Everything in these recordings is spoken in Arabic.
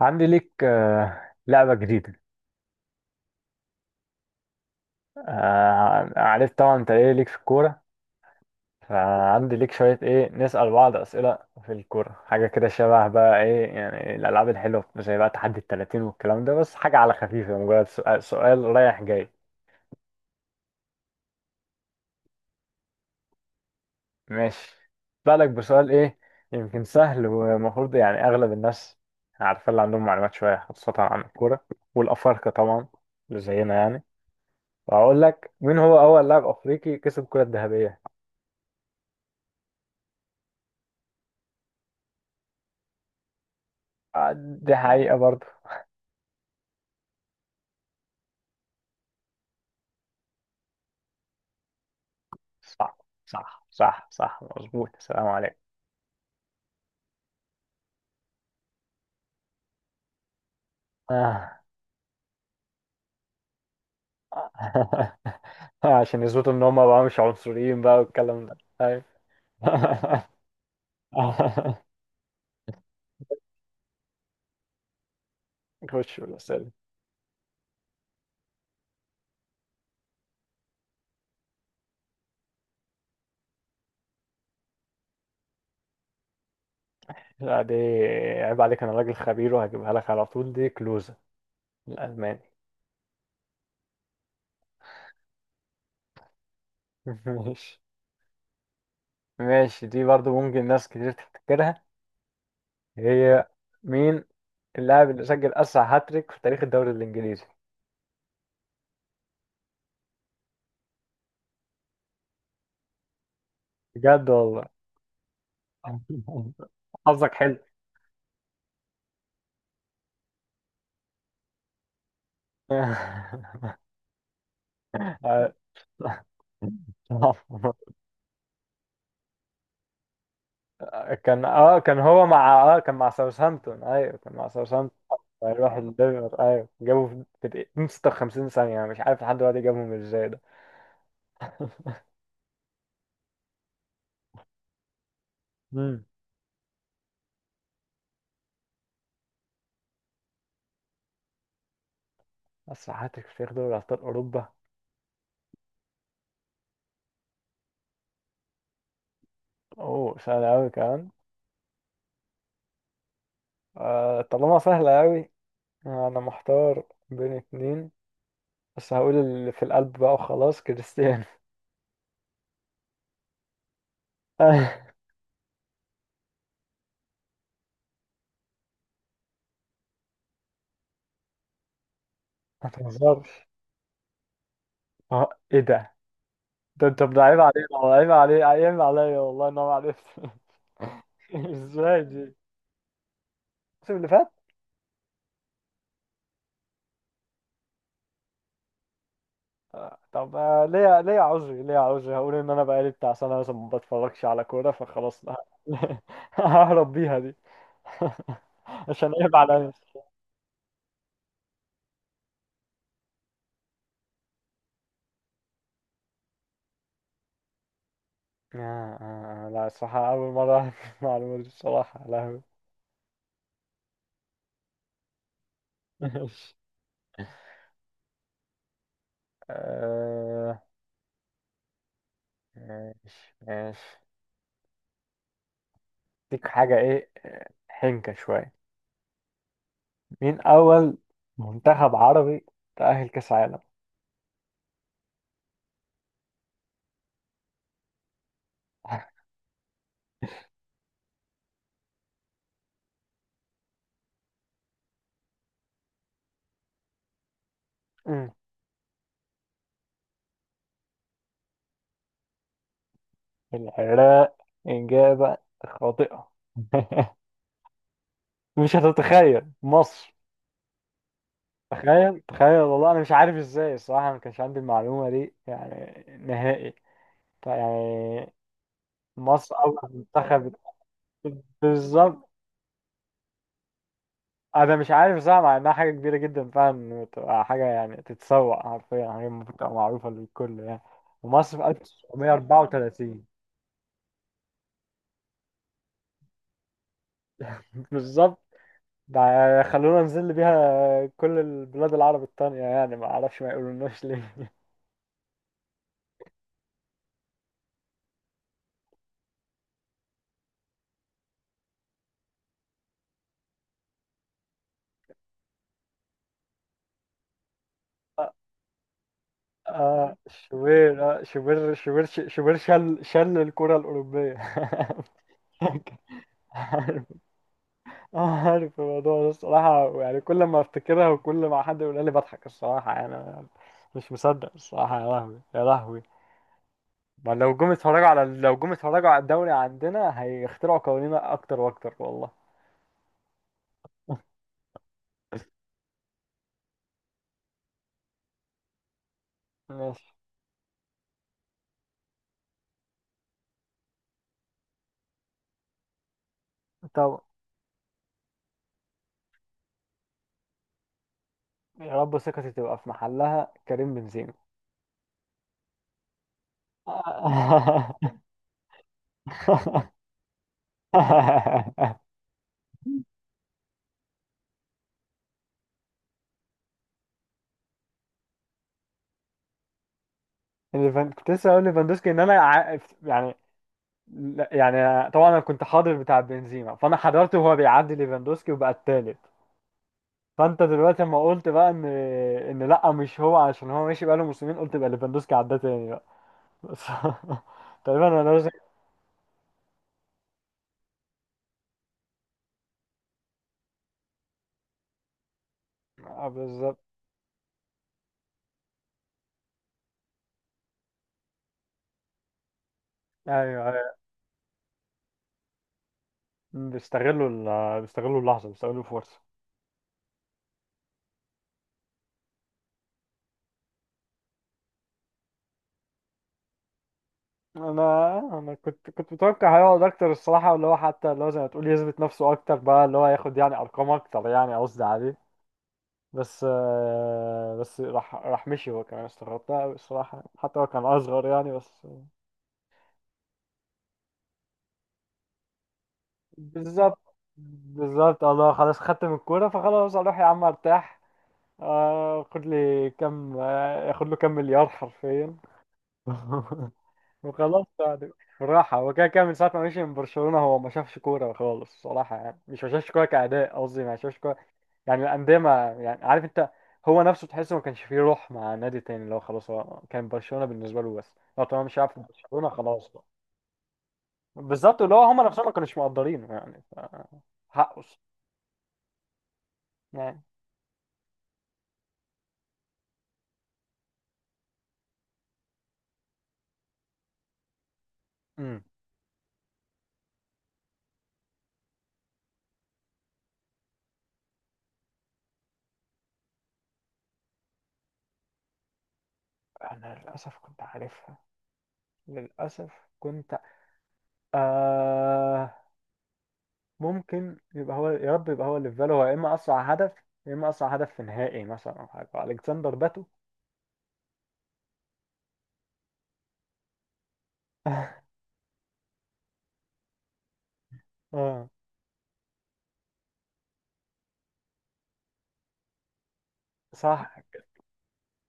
عندي ليك لعبة جديدة. عارف طبعا انت ايه ليك في الكورة. فعندي ليك شوية ايه نسأل بعض أسئلة في الكورة، حاجة كده شبه بقى ايه يعني الألعاب الحلوة زي بقى تحدي التلاتين والكلام ده، بس حاجة على خفيفة، مجرد سؤال, سؤال رايح جاي. ماشي. بالك بسؤال ايه. يمكن سهل ومفروض يعني أغلب الناس عارفة اللي عندهم معلومات شوية خاصة عن الكورة، والأفارقة طبعا اللي زينا يعني. وهقول لك مين هو أول لاعب أفريقي كسب الكرة الذهبية. دي حقيقة برضه. صح صح صح صح، مظبوط. السلام عليكم. آه. عشان يثبتوا ان هم بقى مش عنصريين بقى والكلام ده، ايوه. خش بالاسئله. لا دي، عيب عليك، انا راجل خبير وهجيبها لك على طول. دي كلوزة الالماني. ماشي. ماشي دي برضو ممكن ناس كتير تفتكرها. هي مين اللاعب اللي سجل اسرع هاتريك في تاريخ الدوري الانجليزي؟ بجد والله. حظك حلو. آه، كان مع ساوثهامبتون، ايوه كان مع ساوثهامبتون. هيروح الدنمارك، ايوه جابوا في دقيقتين 56 ثانية. انا مش عارف لحد دلوقتي جابهم ازاي ده. امم. اسرع هاتريك في تاريخ دوري ابطال اوروبا. اوه سهل قوي كمان. آه، طالما سهلة قوي، انا محتار بين اتنين، بس هقول اللي في القلب بقى وخلاص، كريستيانو. آه، ما تهزرش. اه ايه ده، ده انت، ده عيب علينا، عيب علي، عيب عليا والله ان انا ما عرفت. ازاي دي الموسم اللي فات؟ طب، ليه؟ ليه عذري؟ هقول ان انا بقالي بتاع سنه مثلا ما بتفرجش على كوره فخلاص ههرب بيها دي. عشان عيب عليا. آه لا، الصراحة أول مرة أعرف المعلومة دي، الصراحة لا هو. ماشي. آه، ماشي ماشي. ديك حاجة إيه، حنكة شوية. مين أول منتخب عربي تأهل كأس عالم؟ مم. العراق؟ إجابة خاطئة. مش هتتخيل، مصر. تخيل تخيل والله، أنا مش عارف إزاي الصراحة، أنا ما كانش عندي المعلومة دي يعني نهائي. طيب يعني مصر أول منتخب. بالظبط. أنا مش عارف صح، مع إنها حاجة كبيرة جدا فعلا، تبقى حاجة يعني تتسوق حرفيا، حاجة المفروض تبقى معروفة للكل يعني. ومصر في 1934. بالظبط. ده خلونا نزل بيها كل البلاد العرب التانية يعني، ما اعرفش ما يقولوناش ليه. اه، شوبير. اه شوبير شوبير شوبير، شل شل الكرة الأوروبية. عارف. اه عارف الموضوع ده الصراحة، يعني كل ما افتكرها وكل ما حد يقولها لي بضحك الصراحة، يعني أنا مش مصدق الصراحة. يا لهوي يا لهوي. ما لو جم اتفرجوا على الدوري عندنا هيخترعوا قوانين اكتر واكتر والله. ماشي. طب يا رب ثقتي تبقى في محلها، كريم بنزيما. كنت لسه اقول ليفاندوسكي ان انا يعني. يعني طبعا انا كنت حاضر بتاع بنزيما، فانا حضرته وهو بيعدي ليفاندوسكي وبقى التالت. فانت دلوقتي لما قلت بقى ان لا مش هو عشان هو ماشي بقاله موسمين، قلت بقى ليفاندوسكي عداه تاني بقى. بس. تقريبا انا لازم. بالظبط. ايوه ايوه، بيستغلوا اللحظه، بيستغلوا الفرصه. انا كنت متوقع هيقعد اكتر الصراحه، اللي هو حتى اللي هو زي ما تقول يثبت نفسه اكتر بقى، اللي هو ياخد يعني ارقام اكتر يعني، قصدي عليه. بس بس راح مشي هو كمان، استغربت أوي الصراحه، حتى هو كان اصغر يعني، بس. بالظبط بالظبط. الله خلاص خدت من الكوره فخلاص اروح يا عم ارتاح. خد لي كام، ياخد له كام مليار حرفيا. وخلاص بعد بالراحة. هو كده كده من ساعة ما مشي من برشلونة هو ما شافش كورة خالص صراحة، يعني مش ما شافش كورة كأداء، قصدي ما شافش كورة يعني الأندية، ما يعني، عارف أنت. هو نفسه تحسه ما كانش فيه روح مع نادي تاني، اللي هو خلاص هو كان برشلونة بالنسبة له بس. لو طالما مش هيلعب في برشلونة خلاص بقى. بالظبط، اللي هو هما نفسهم ما كانوش مقدرينه يعني حقه الصراحة يعني. امم. أنا للأسف كنت عارفها، للأسف كنت آه ممكن يبقى هو، يا رب يبقى هو اللي في باله، هو يا اما اسرع هدف، يا اما اسرع هدف في نهائي مثلا او حاجه. الكسندر باتو. اه صح.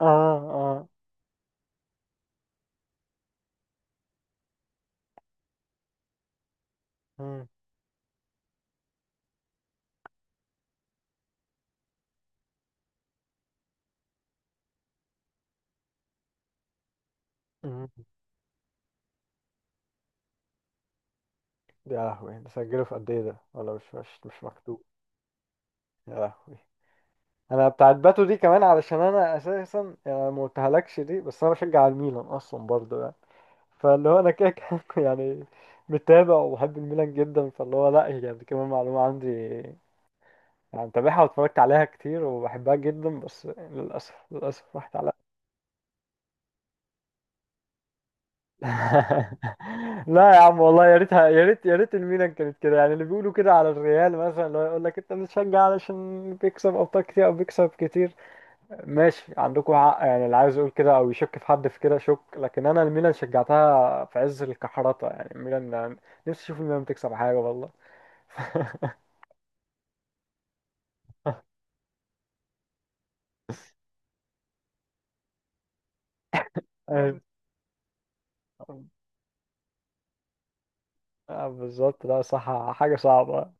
اه اه. مم. مم. يا لهوي، ده سجله في قد ايه ده، ولا مش مكتوب؟ يا لهوي. انا بتاعت باتو دي كمان، علشان انا اساسا يعني ما قلتهالكش دي، بس انا بشجع الميلان اصلا برضه يعني، فاللي هو انا كده كده يعني. متابع وبحب الميلان جدا، فاللي هو لا هي يعني كمان معلومه عندي، أنا متابعها واتفرجت عليها كتير وبحبها جدا، بس للأسف للأسف راحت على. لا يا عم والله، يا ريتها، يا ريت يا ريت الميلان كانت كده يعني. اللي بيقولوا كده على الريال مثلا، اللي هو يقول لك أنت بتشجع علشان بيكسب أبطال كتير أو بيكسب كتير، ماشي عندكم حق يعني، اللي عايز يقول كده أو يشك في حد في كده شك، لكن أنا الميلان شجعتها في عز الكحرطة يعني. الميلان يعني نفسي أشوف الميلان بتكسب حاجة والله. أيوة. بالظبط، لا صح، حاجة صعبة.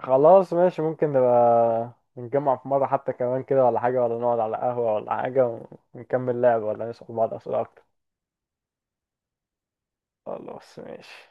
خلاص ماشي، ممكن نبقى نتجمع في مرة حتى كمان كده ولا حاجة، ولا نقعد على قهوة ولا حاجة، ونكمل لعب ولا نسأل بعض أسئلة أكتر. خلاص ماشي.